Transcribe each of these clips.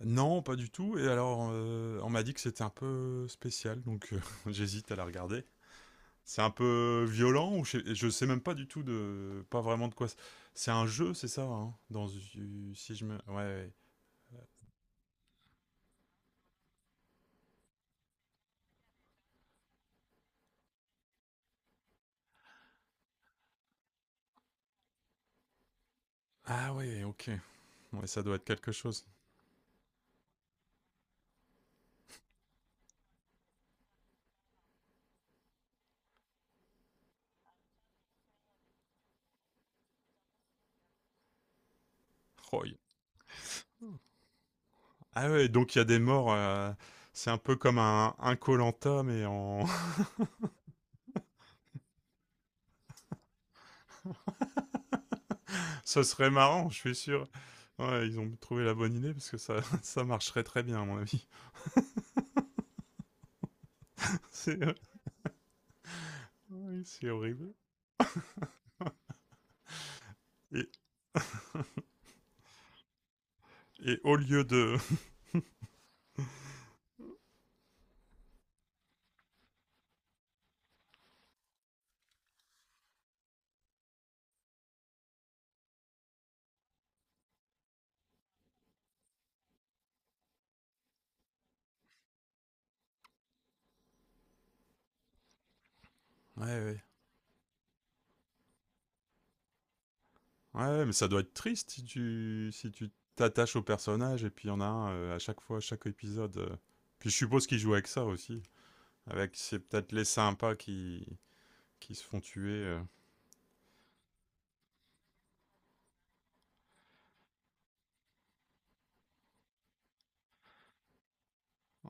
Non, pas du tout. Et alors, on m'a dit que c'était un peu spécial, donc j'hésite à la regarder. C'est un peu violent, ou je sais même pas du tout de, pas vraiment de quoi. C'est un jeu, c'est ça, hein, si je me, ouais. Ouais. Ah ouais, ok. Ouais, ça doit être quelque chose. Roy. Ah ouais, donc il y a des morts. C'est un peu comme un koh mais en, ça serait marrant, je suis sûr. Ouais, ils ont trouvé la bonne idée parce que ça, ça marcherait très bien à mon avis. C'est, oui, c'est horrible. Et au lieu de. Ouais, ouais. Ouais, mais ça doit être triste si tu si tu t'attaches au personnage et puis il y en a un à chaque fois, à chaque épisode. Puis je suppose qu'ils jouent avec ça aussi. Avec c'est peut-être les sympas qui se font tuer.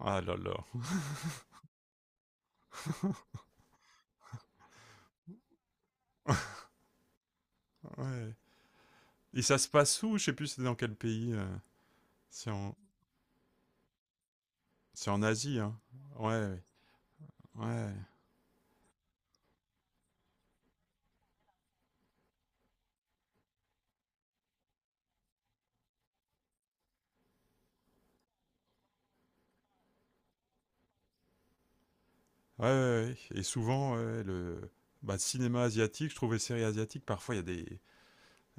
Ah là là. Ouais. Et ça se passe où. Je sais plus c'est dans quel pays. C'est en c'est en Asie, hein. Ouais, ouais. Ouais. Ouais, ouais, ouais. Et souvent ouais, le bah, cinéma asiatique, je trouvais séries asiatiques, parfois il y a des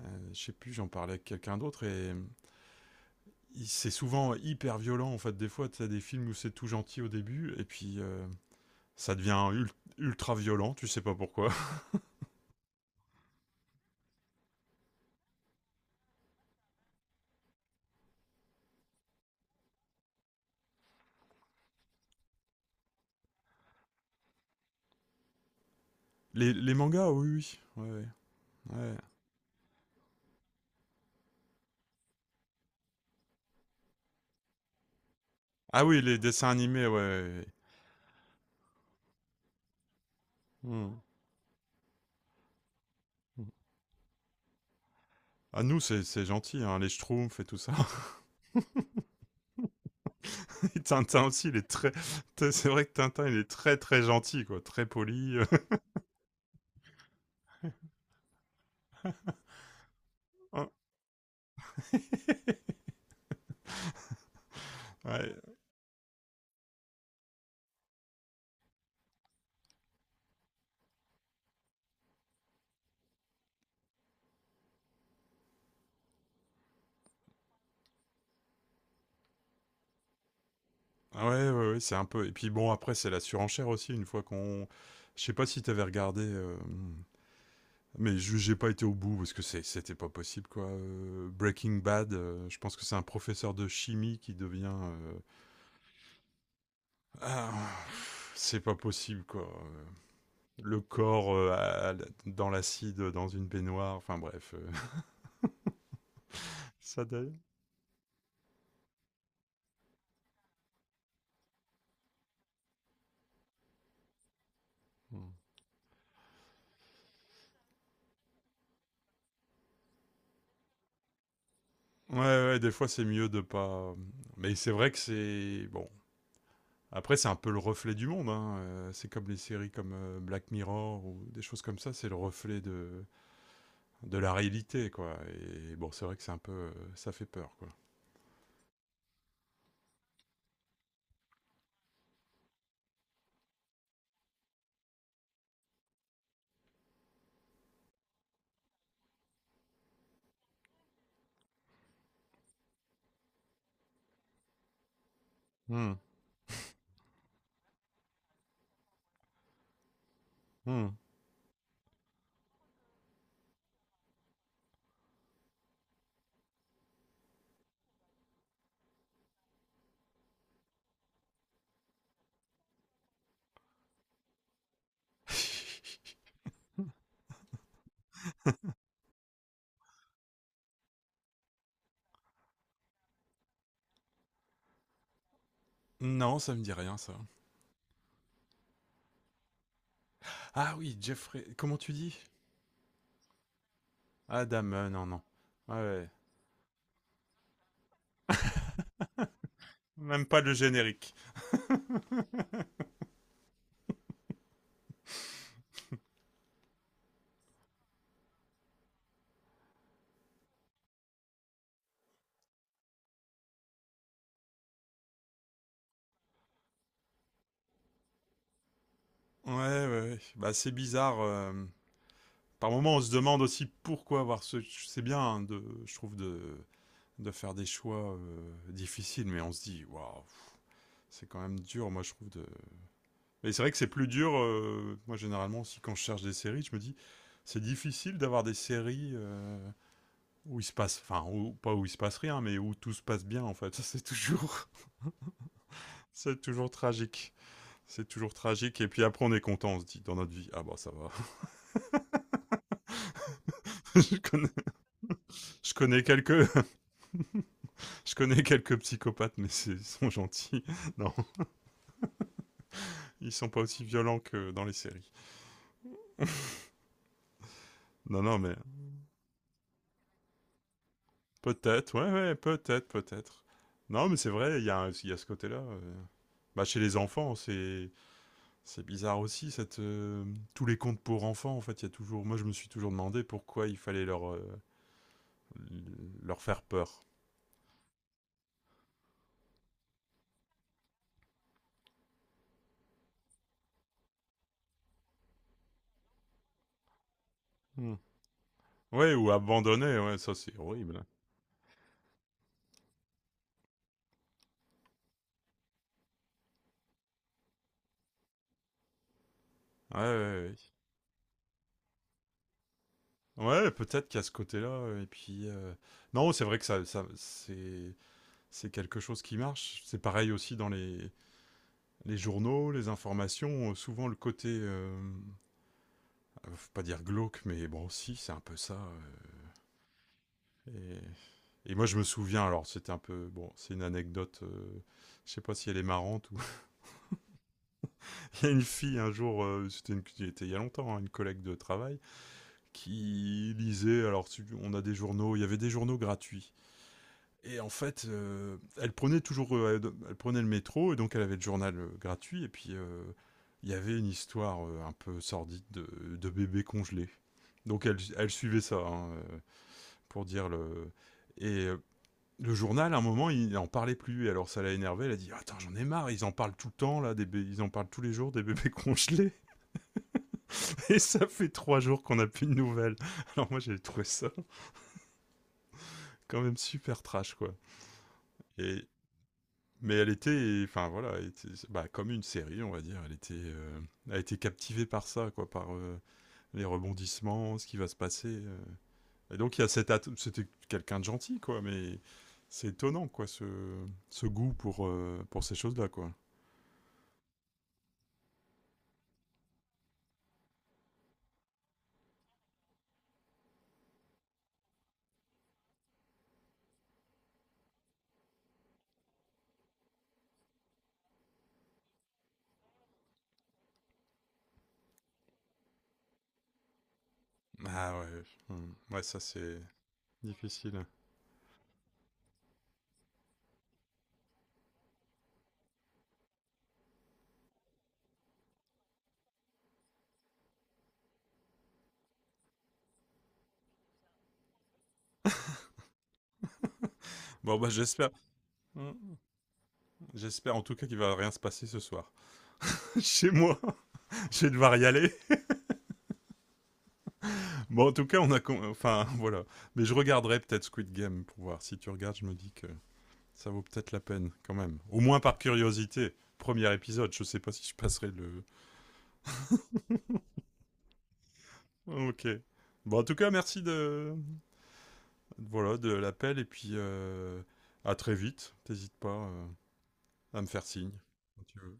je sais plus, j'en parlais avec quelqu'un d'autre et c'est souvent hyper violent en fait. Des fois, tu as des films où c'est tout gentil au début et puis ça devient ultra violent, tu sais pas pourquoi. Les mangas, oh oui, oui. Ouais, ouais, ouais. Ah oui, les dessins animés, ouais. Ouais, ouais. Hmm. Ah nous, c'est gentil, hein, les Schtroumpfs et tout ça. Et Tintin aussi, il est très... C'est vrai que Tintin, il est très très gentil, quoi. Très poli. Ouais, ah ouais, ouais, ouais, c'est un peu... Et puis bon, après, c'est la surenchère aussi, une fois qu'on... Je sais pas si t'avais regardé... Mais j'ai pas été au bout parce que c'était pas possible quoi. Breaking Bad, je pense que c'est un professeur de chimie qui devient. Ah, c'est pas possible quoi. Le corps dans l'acide, dans une baignoire, enfin bref. Ça d'ailleurs. Ouais, ouais, des fois c'est mieux de pas. Mais c'est vrai que c'est. Bon. Après, c'est un peu le reflet du monde, hein. C'est comme les séries comme Black Mirror ou des choses comme ça. C'est le reflet de la réalité, quoi. Et bon, c'est vrai que c'est un peu, ça fait peur, quoi. Hmm, hmm. Non, ça me dit rien, ça. Ah oui, Jeffrey, comment tu dis. Adam, non, non. Ouais, ouais. Même pas le générique. Ouais, ouais, ouais. Bah, c'est bizarre. Par moments, on se demande aussi pourquoi avoir ce. C'est bien, hein, de, je trouve, de faire des choix difficiles, mais on se dit, waouh, c'est quand même dur, moi, je trouve, de. Et c'est vrai que c'est plus dur. Moi, généralement, aussi, quand je cherche des séries, je me dis, c'est difficile d'avoir des séries où il se passe, enfin, pas où il se passe rien, mais où tout se passe bien, en fait. Ça, c'est toujours, c'est toujours tragique. C'est toujours tragique. Et puis après, on est content, on se dit, dans notre vie, ah bah ça va. je connais, je connais quelques, je connais quelques psychopathes, mais ils sont gentils. Non, ils sont pas aussi violents que dans les séries. Non, non, mais peut-être, ouais, ouais, peut-être, peut-être. Non, mais c'est vrai, il y a ce côté-là. Bah, chez les enfants, c'est bizarre aussi cette tous les contes pour enfants en fait, il y a toujours moi je me suis toujours demandé pourquoi il fallait leur leur faire peur. Hmm. Ouais, ou abandonner, ouais, ça c'est horrible. Ouais, ouais, ouais. Oui. Ouais, peut-être qu'à ce côté-là, et puis... Non, c'est vrai que ça, ça c'est quelque chose qui marche. C'est pareil aussi dans les journaux, les informations. Souvent le côté... faut pas dire glauque, mais bon, si, c'est un peu ça. Et, et moi, je me souviens, alors c'était un peu. Bon, c'est une anecdote, je sais pas si elle est marrante. Ou... il y a une fille un jour, il y a longtemps, hein, une collègue de travail, qui lisait. Alors, on a des journaux, il y avait des journaux gratuits. Et en fait, elle prenait toujours. Elle prenait le métro, et donc elle avait le journal gratuit, et puis il y avait une histoire un peu sordide de bébé congelé. Donc elle, elle suivait ça, hein, pour dire le. Et le journal, à un moment, il en parlait plus. Et alors, ça l'a énervé. Elle a dit : « Attends, j'en ai marre. Ils en parlent tout le temps, là. Ils en parlent tous les jours, des bébés congelés. Et ça fait trois jours qu'on n'a plus de nouvelles. » Alors, moi, j'ai trouvé ça quand même super trash, quoi. Et... mais elle était, enfin voilà, bah, comme une série, on va dire. Elle était, elle a été captivée par ça, quoi, par les rebondissements, ce qui va se passer. Et donc, il y a cette. C'était quelqu'un de gentil, quoi. Mais c'est étonnant, quoi, ce goût pour ces choses-là, quoi. Ah ouais, hmm. Ouais, ça c'est difficile. Bon bah j'espère, hmm, j'espère en tout cas qu'il va rien se passer ce soir. Chez moi, je vais devoir y aller. Bon en tout cas on a, enfin voilà, mais je regarderai peut-être Squid Game pour voir. Si tu regardes, je me dis que ça vaut peut-être la peine quand même. Au moins par curiosité. Premier épisode, je sais pas si je passerai le. Ok. Bon en tout cas merci de, voilà, de l'appel et puis à très vite. T'hésites pas à me faire signe quand tu veux.